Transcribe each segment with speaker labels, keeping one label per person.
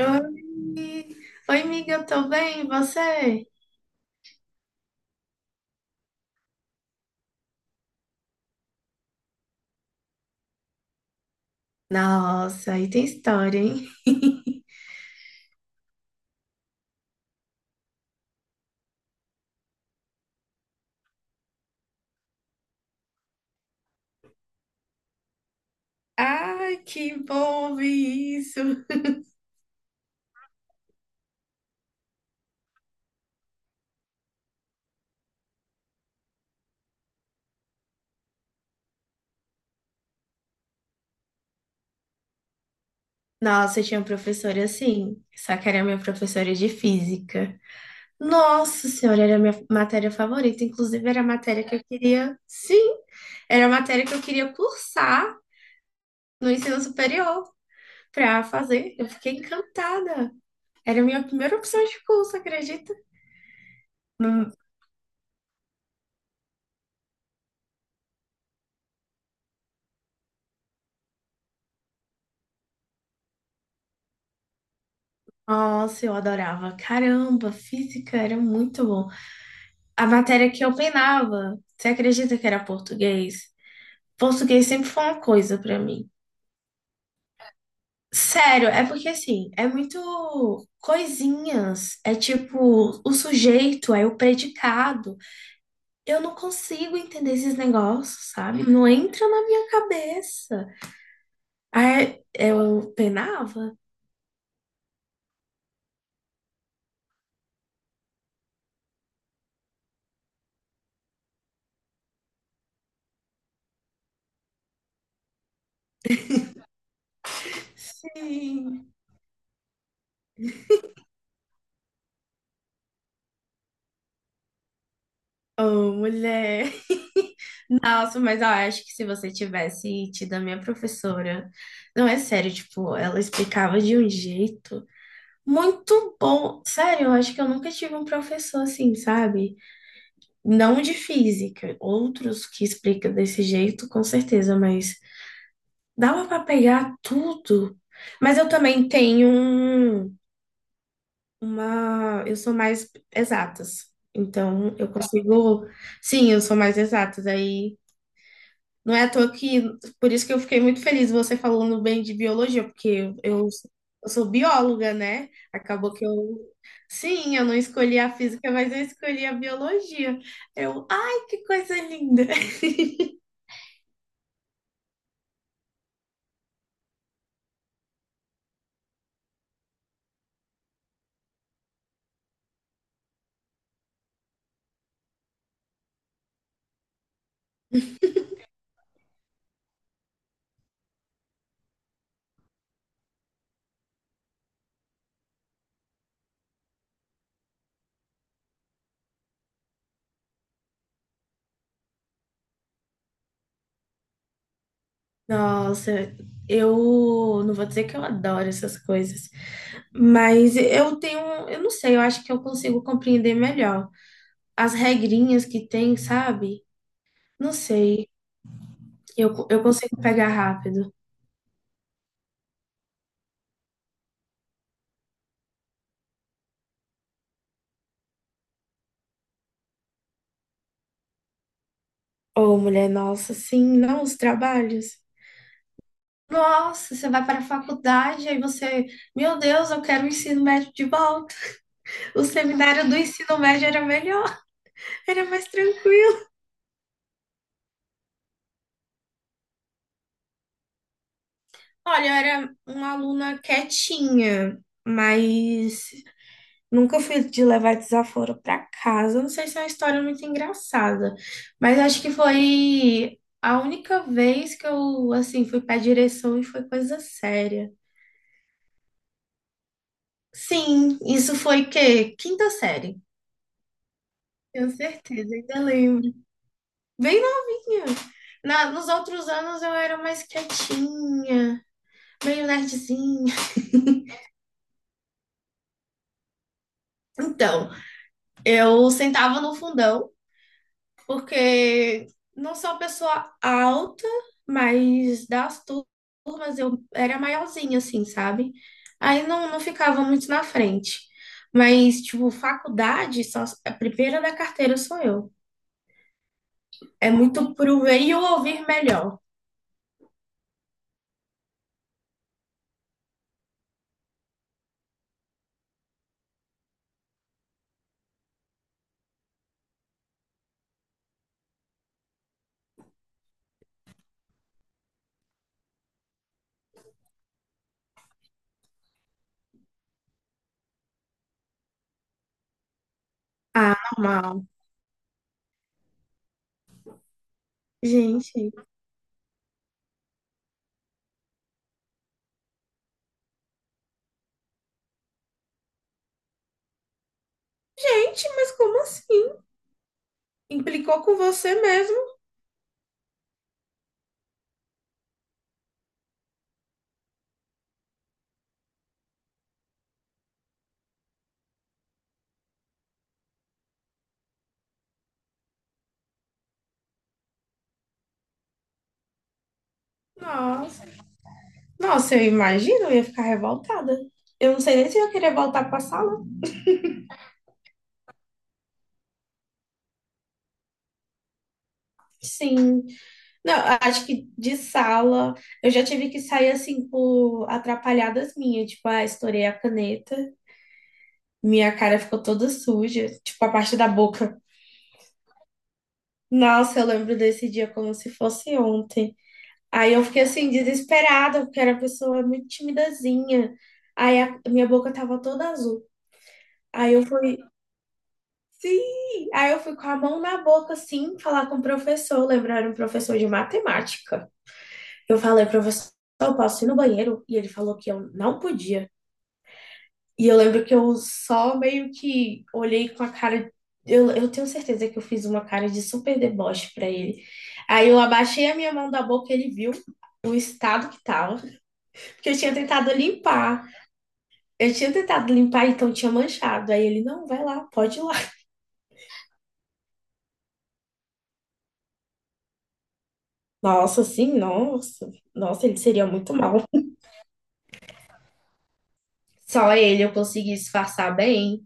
Speaker 1: Oi, Oi, amiga, eu tô bem, e você? Nossa, aí tem história, hein? Ai, que bom ouvir isso. Nossa, eu tinha uma professora assim, só que era minha professora de física. Nossa senhora, era a minha matéria favorita, inclusive era a matéria que eu queria, sim, era a matéria que eu queria cursar no ensino superior pra fazer. Eu fiquei encantada. Era a minha primeira opção de curso, acredita? Nossa, eu adorava. Caramba, física era muito bom. A matéria que eu penava, você acredita que era português? Português sempre foi uma coisa pra mim. Sério, é porque assim, é muito coisinhas, é tipo o sujeito, é o predicado. Eu não consigo entender esses negócios, sabe? Não entra na minha cabeça. Aí eu penava? Sim. Oh, mulher. Nossa, mas eu acho que se você tivesse tido a minha professora, não é sério, tipo, ela explicava de um jeito muito bom. Sério, eu acho que eu nunca tive um professor assim, sabe? Não de física, outros que explicam desse jeito, com certeza, mas dava pra pegar tudo. Mas eu também tenho um- uma, eu sou mais exatas. Então, eu consigo, sim, eu sou mais exatas aí. Não é à toa que, por isso que eu fiquei muito feliz você falando bem de biologia, porque eu sou bióloga, né? Acabou que eu, sim, eu não escolhi a física, mas eu escolhi a biologia. Eu, ai, que coisa linda! Nossa, eu não vou dizer que eu adoro essas coisas, mas eu tenho, um, eu não sei, eu acho que eu consigo compreender melhor as regrinhas que tem, sabe? Não sei, eu consigo pegar rápido. Ô, mulher, nossa, sim, não, os trabalhos. Nossa, você vai para a faculdade, aí você, meu Deus, eu quero o ensino médio de volta. O seminário do ensino médio era melhor, era mais tranquilo. Olha, eu era uma aluna quietinha, mas nunca fui de levar desaforo pra casa. Não sei se é uma história muito engraçada, mas acho que foi a única vez que eu, assim, fui pra direção e foi coisa séria. Sim, isso foi quê? Quinta série. Tenho certeza, ainda lembro. Bem novinha. Na, nos outros anos eu era mais quietinha, meio nerdzinha. Então, eu sentava no fundão porque não sou uma pessoa alta, mas das turmas eu era maiorzinha, assim, sabe? Aí não, não ficava muito na frente. Mas, tipo, faculdade, só, a primeira da carteira sou eu. É muito pro ver e o ouvir melhor. Ah, normal. Gente, gente, mas como assim? Implicou com você mesmo? Nossa, nossa, eu imagino, eu ia ficar revoltada. Eu não sei nem se eu ia querer voltar pra sala. Sim. Não, acho que de sala eu já tive que sair assim por atrapalhadas minhas, tipo, ah, estourei a caneta, minha cara ficou toda suja, tipo, a parte da boca. Nossa, eu lembro desse dia como se fosse ontem. Aí eu fiquei assim desesperada, porque era uma pessoa muito timidazinha. Aí a minha boca tava toda azul. Aí eu fui, sim! Aí eu fui com a mão na boca assim, falar com o professor, lembrar um professor de matemática. Eu falei, professor, eu posso ir no banheiro? E ele falou que eu não podia. E eu lembro que eu só meio que olhei com a cara. Eu tenho certeza que eu fiz uma cara de super deboche pra ele. Aí eu abaixei a minha mão da boca e ele viu o estado que tava. Porque eu tinha tentado limpar. Eu tinha tentado limpar, então tinha manchado. Aí ele, não, vai lá, pode ir lá. Nossa, sim, nossa. Nossa, ele seria muito mal. Só ele eu consegui disfarçar bem.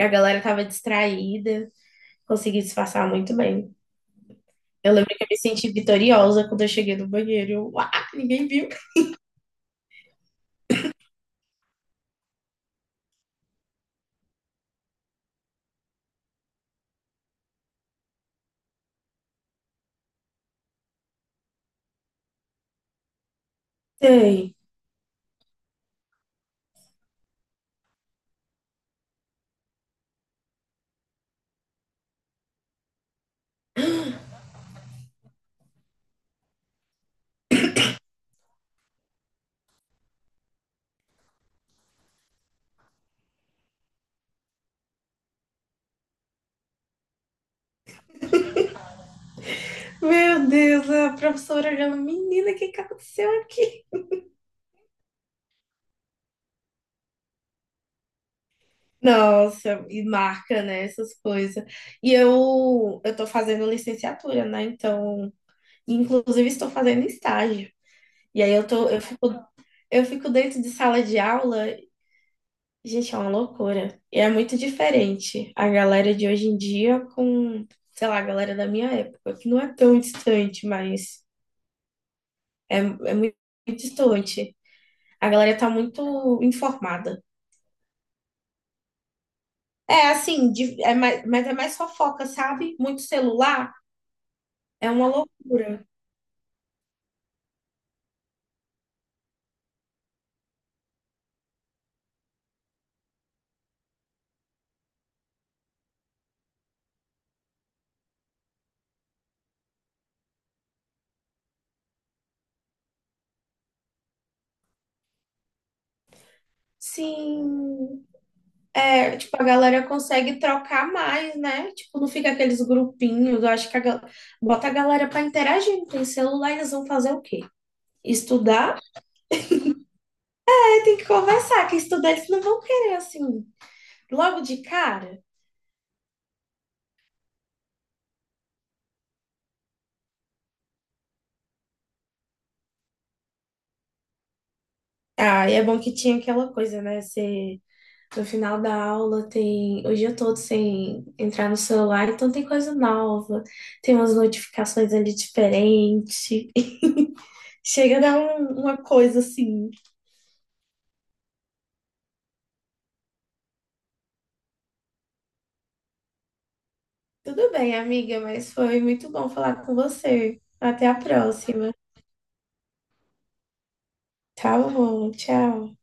Speaker 1: A galera tava distraída. Consegui disfarçar muito bem. Eu lembro que eu me senti vitoriosa quando eu cheguei no banheiro. Eu, uá, ninguém viu. Sei. Meu Deus, a professora olhando, menina, o que que aconteceu aqui? Nossa, e marca, né, essas coisas. Eu tô fazendo licenciatura, né? Então, inclusive estou fazendo estágio. E aí eu tô, eu fico dentro de sala de aula. Gente, é uma loucura. E é muito diferente a galera de hoje em dia com, sei lá, a galera da minha época, que não é tão distante, mas é muito, muito distante. A galera tá muito informada. É assim, de- é mais, mas é mais fofoca, sabe? Muito celular, é uma loucura. Sim, é, tipo, a galera consegue trocar mais, né? Tipo, não fica aqueles grupinhos. Eu acho que a, gal- bota a galera pra interagir. Não tem celular, eles vão fazer o quê? Estudar? Tem que conversar, que estudantes não vão querer, assim, logo de cara. Ah, e é bom que tinha aquela coisa, né? Você, no final da aula, tem o dia todo sem entrar no celular, então tem coisa nova, tem umas notificações ali diferentes. Chega a dar um- uma coisa assim. Tudo bem, amiga, mas foi muito bom falar com você. Até a próxima. Tá bom, tchau.